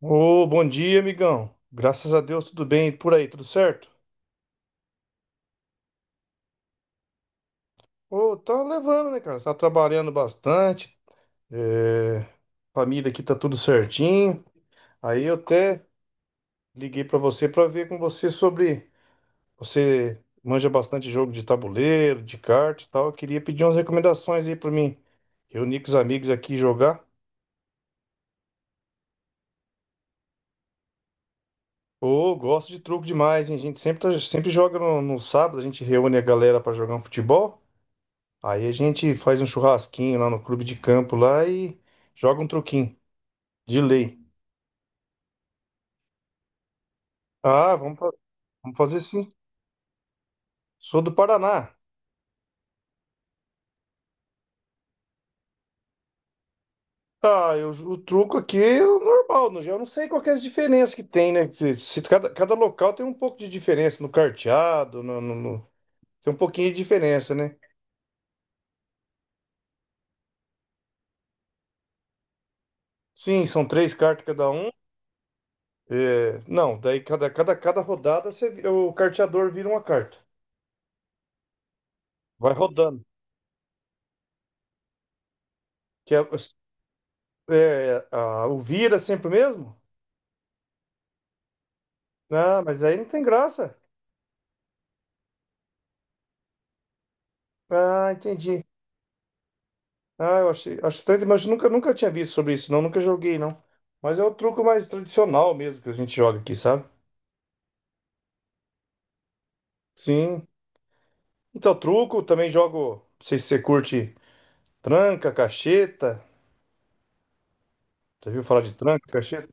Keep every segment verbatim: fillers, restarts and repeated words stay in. Ô, bom dia, amigão. Graças a Deus, tudo bem. E por aí, tudo certo? Ô, tá levando, né, cara? Tá trabalhando bastante. é, Família aqui tá tudo certinho. Aí eu até liguei pra você pra ver com você sobre. Você manja bastante jogo de tabuleiro, de carta e tal. Eu queria pedir umas recomendações aí pra mim. Reunir com os amigos aqui e jogar. Ô, gosto de truco demais, hein? A gente sempre, tá- sempre joga no, no sábado, a gente reúne a galera pra jogar um futebol. Aí a gente faz um churrasquinho lá no clube de campo lá e joga um truquinho de lei. Ah, vamos, fa- Vamos fazer sim. Sou do Paraná. Ah, eu, o truco aqui é o normal, no geral. Eu não sei qual que é a diferença que tem, né? Se, se cada, cada local tem um pouco de diferença no carteado, no, no- no- tem um pouquinho de diferença, né? Sim, são três cartas cada um. É, não, daí cada, cada, cada rodada você, vi- o carteador vira uma carta. Vai rodando. Que é, é, a, o vira sempre o mesmo? Ah, mas aí não tem graça. Ah, entendi. Ah, eu achei, acho estranho, mas nunca, nunca tinha visto sobre isso, não, nunca joguei, não. Mas é o truco mais tradicional mesmo que a gente joga aqui, sabe? Sim. Então, truco, também jogo, não sei se você curte tranca, cacheta. Já viu falar de tranca, cacheta?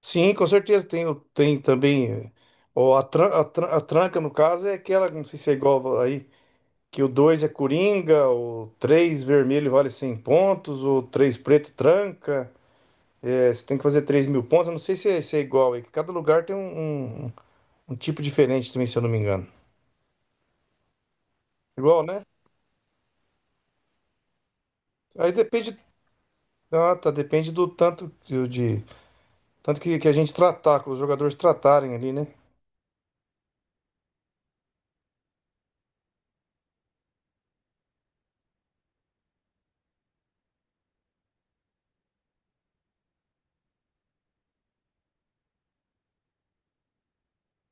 Sim, com certeza tem, o- tem também. eh, Ó, a, tran- a tran- a tranca, no caso, é aquela, não sei se é igual aí, que o dois é coringa, o três vermelho vale cem pontos, o três preto tranca. É, você tem que fazer três mil pontos. Eu não sei se é, se é igual aí, que cada lugar tem um, um, um tipo diferente também, se eu não me engano. Igual, né? Aí depende. Ah, tá, depende do tanto que- de tanto que, que a gente tratar, que os jogadores tratarem ali, né?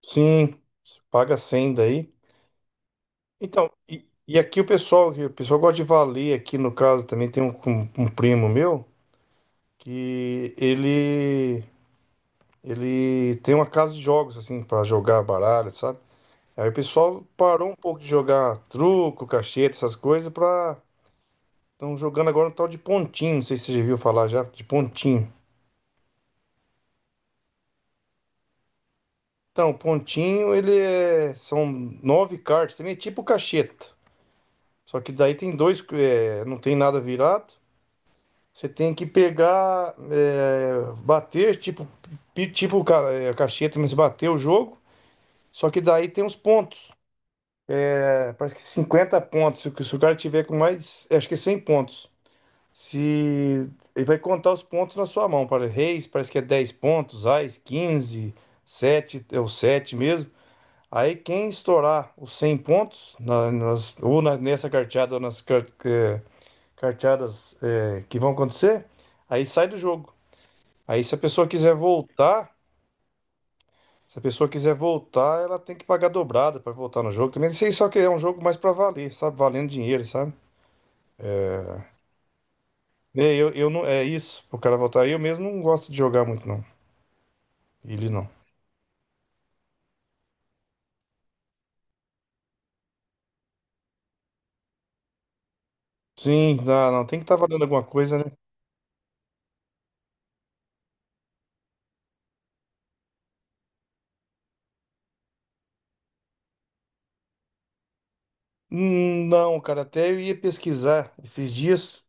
Sim, você paga cem daí. Então, e, e aqui o pessoal, o pessoal gosta de valer aqui no caso também tem um, um- um primo meu que ele ele tem uma casa de jogos assim para jogar baralho, sabe? Aí o pessoal parou um pouco de jogar truco, cacheta, essas coisas, pra. Estão jogando agora um tal de pontinho. Não sei se você já viu falar já, de pontinho. Então, pontinho, ele é. São nove cartas, também é tipo cacheta. Só que daí tem dois. é, Não tem nada virado. Você tem que pegar. é, Bater, tipo. pi- Tipo ca- é, cacheta, mas bater o jogo. Só que daí tem os pontos. É, parece que cinquenta pontos. Se o se o cara tiver com mais. Acho que é cem pontos. Se ele vai contar os pontos na sua mão, para reis, parece que é dez pontos, ás quinze sete é o sete mesmo. Aí quem estourar os cem pontos na- nas- ou na- nessa carteada ou nas car- eh, carteadas eh, que vão acontecer, aí sai do jogo. Aí se a pessoa quiser voltar, se a pessoa quiser voltar, ela tem que pagar dobrada para voltar no jogo. Também sei só que é um jogo mais para valer, sabe? Valendo dinheiro, sabe? É, eu, eu não, é isso, pro cara voltar. Eu mesmo não gosto de jogar muito, não. Ele não. Sim, não, não, tem que estar valendo alguma coisa, né? Hum, não, cara, até eu ia pesquisar esses dias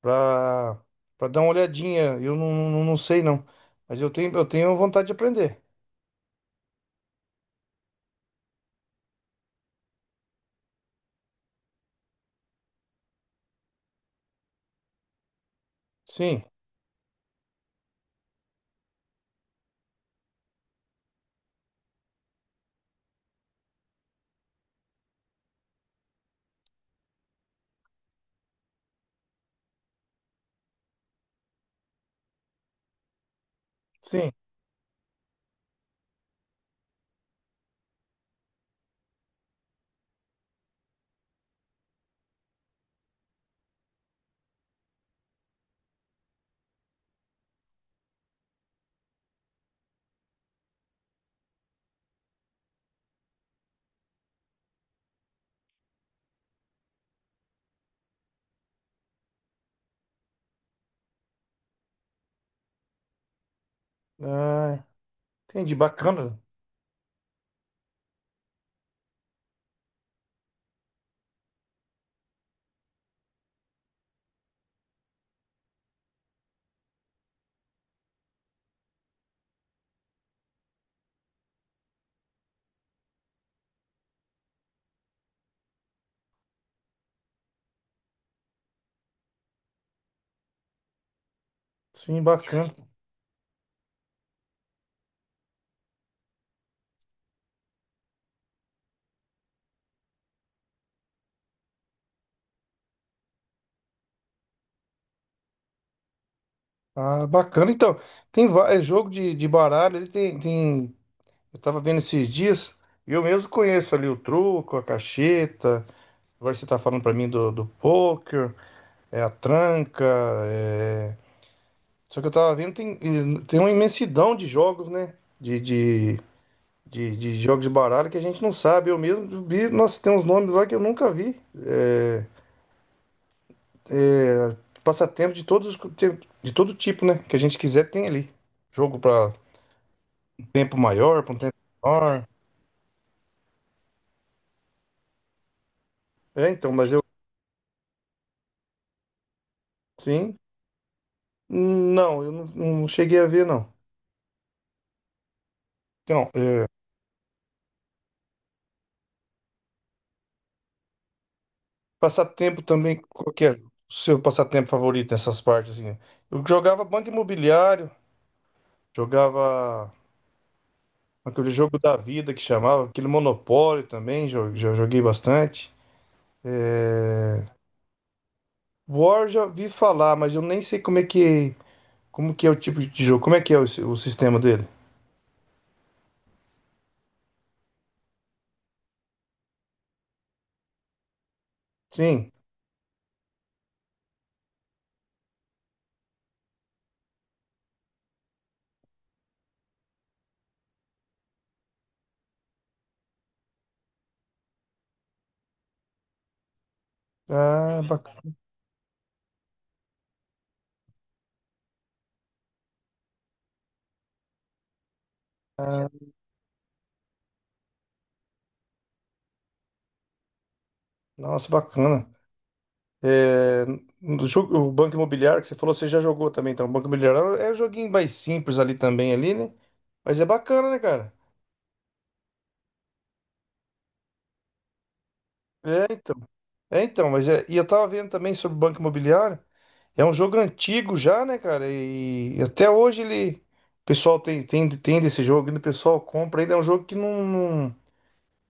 pra, pra dar uma olhadinha. Eu não, não, não sei, não. Mas eu tenho, eu tenho vontade de aprender. Sim, sim. Ah, entendi, bacana. Sim, bacana. Ah, bacana. Então, tem va- é jogo de, de baralho, ele tem, tem. Eu tava vendo esses dias, e eu mesmo conheço ali o truco, a cacheta. Agora você tá falando pra mim do, do pôquer, é a tranca, é, só que eu tava vendo, tem, tem uma imensidão de jogos, né? De, de, de, de jogos de baralho que a gente não sabe. Eu mesmo vi, nossa, tem uns nomes lá que eu nunca vi. É, passatempo de todos, os- de todo tipo, né? Que a gente quiser tem ali. Jogo pra um tempo maior, pra um tempo menor. É, então, mas eu, sim. Não, eu não, não cheguei a ver, não. Então, é, passatempo também, qual que é o seu passatempo favorito nessas partes, assim? Eu jogava Banco Imobiliário, jogava. Aquele jogo da vida que chamava, aquele Monopólio também, jo- já joguei bastante. É... War já vi falar, mas eu nem sei como é que, como que é o tipo de jogo, como é que é o, si- o sistema dele. Sim. Ah, bacana. Nossa, bacana. É... no jogo- o Banco Imobiliário que você falou, você já jogou também, então. O Banco Imobiliário é um joguinho mais simples ali também, ali, né? Mas é bacana, né, cara? É, então. É, então, mas é, e eu tava vendo também sobre o Banco Imobiliário. É um jogo antigo já, né, cara? E, até hoje ele, o pessoal tem, tem, tem desse jogo, ainda o pessoal compra. Ainda é um jogo que não, não-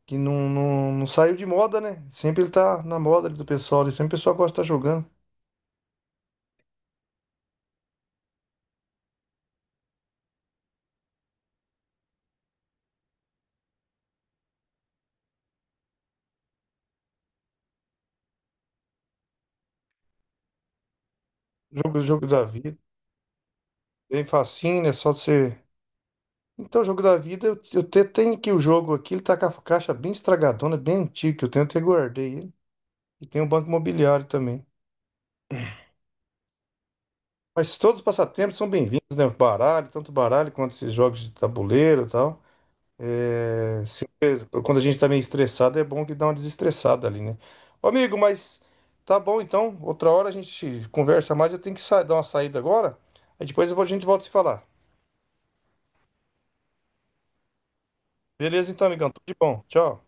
que não, não, não saiu de moda, né? Sempre ele tá na moda ali do pessoal, ali, sempre o pessoal gosta de estar jogando. Jogo, jogo da vida, bem facinho, né? Só você. Então, jogo da vida, eu, eu te- tenho aqui o jogo aqui, ele tá com a caixa bem estragadona, bem antigo, que eu tenho até guardei ele. E tem o Banco Imobiliário também. Mas todos os passatempos são bem-vindos, né? Baralho, tanto baralho quanto esses jogos de tabuleiro e tal. É, se- quando a gente tá meio estressado, é bom que dá uma desestressada ali, né? Ô, amigo, mas tá bom então. Outra hora a gente conversa mais. Eu tenho que sa- dar uma saída agora. Aí depois eu vou- a gente volta a se falar. Beleza então, amigão. Tudo de bom. Tchau.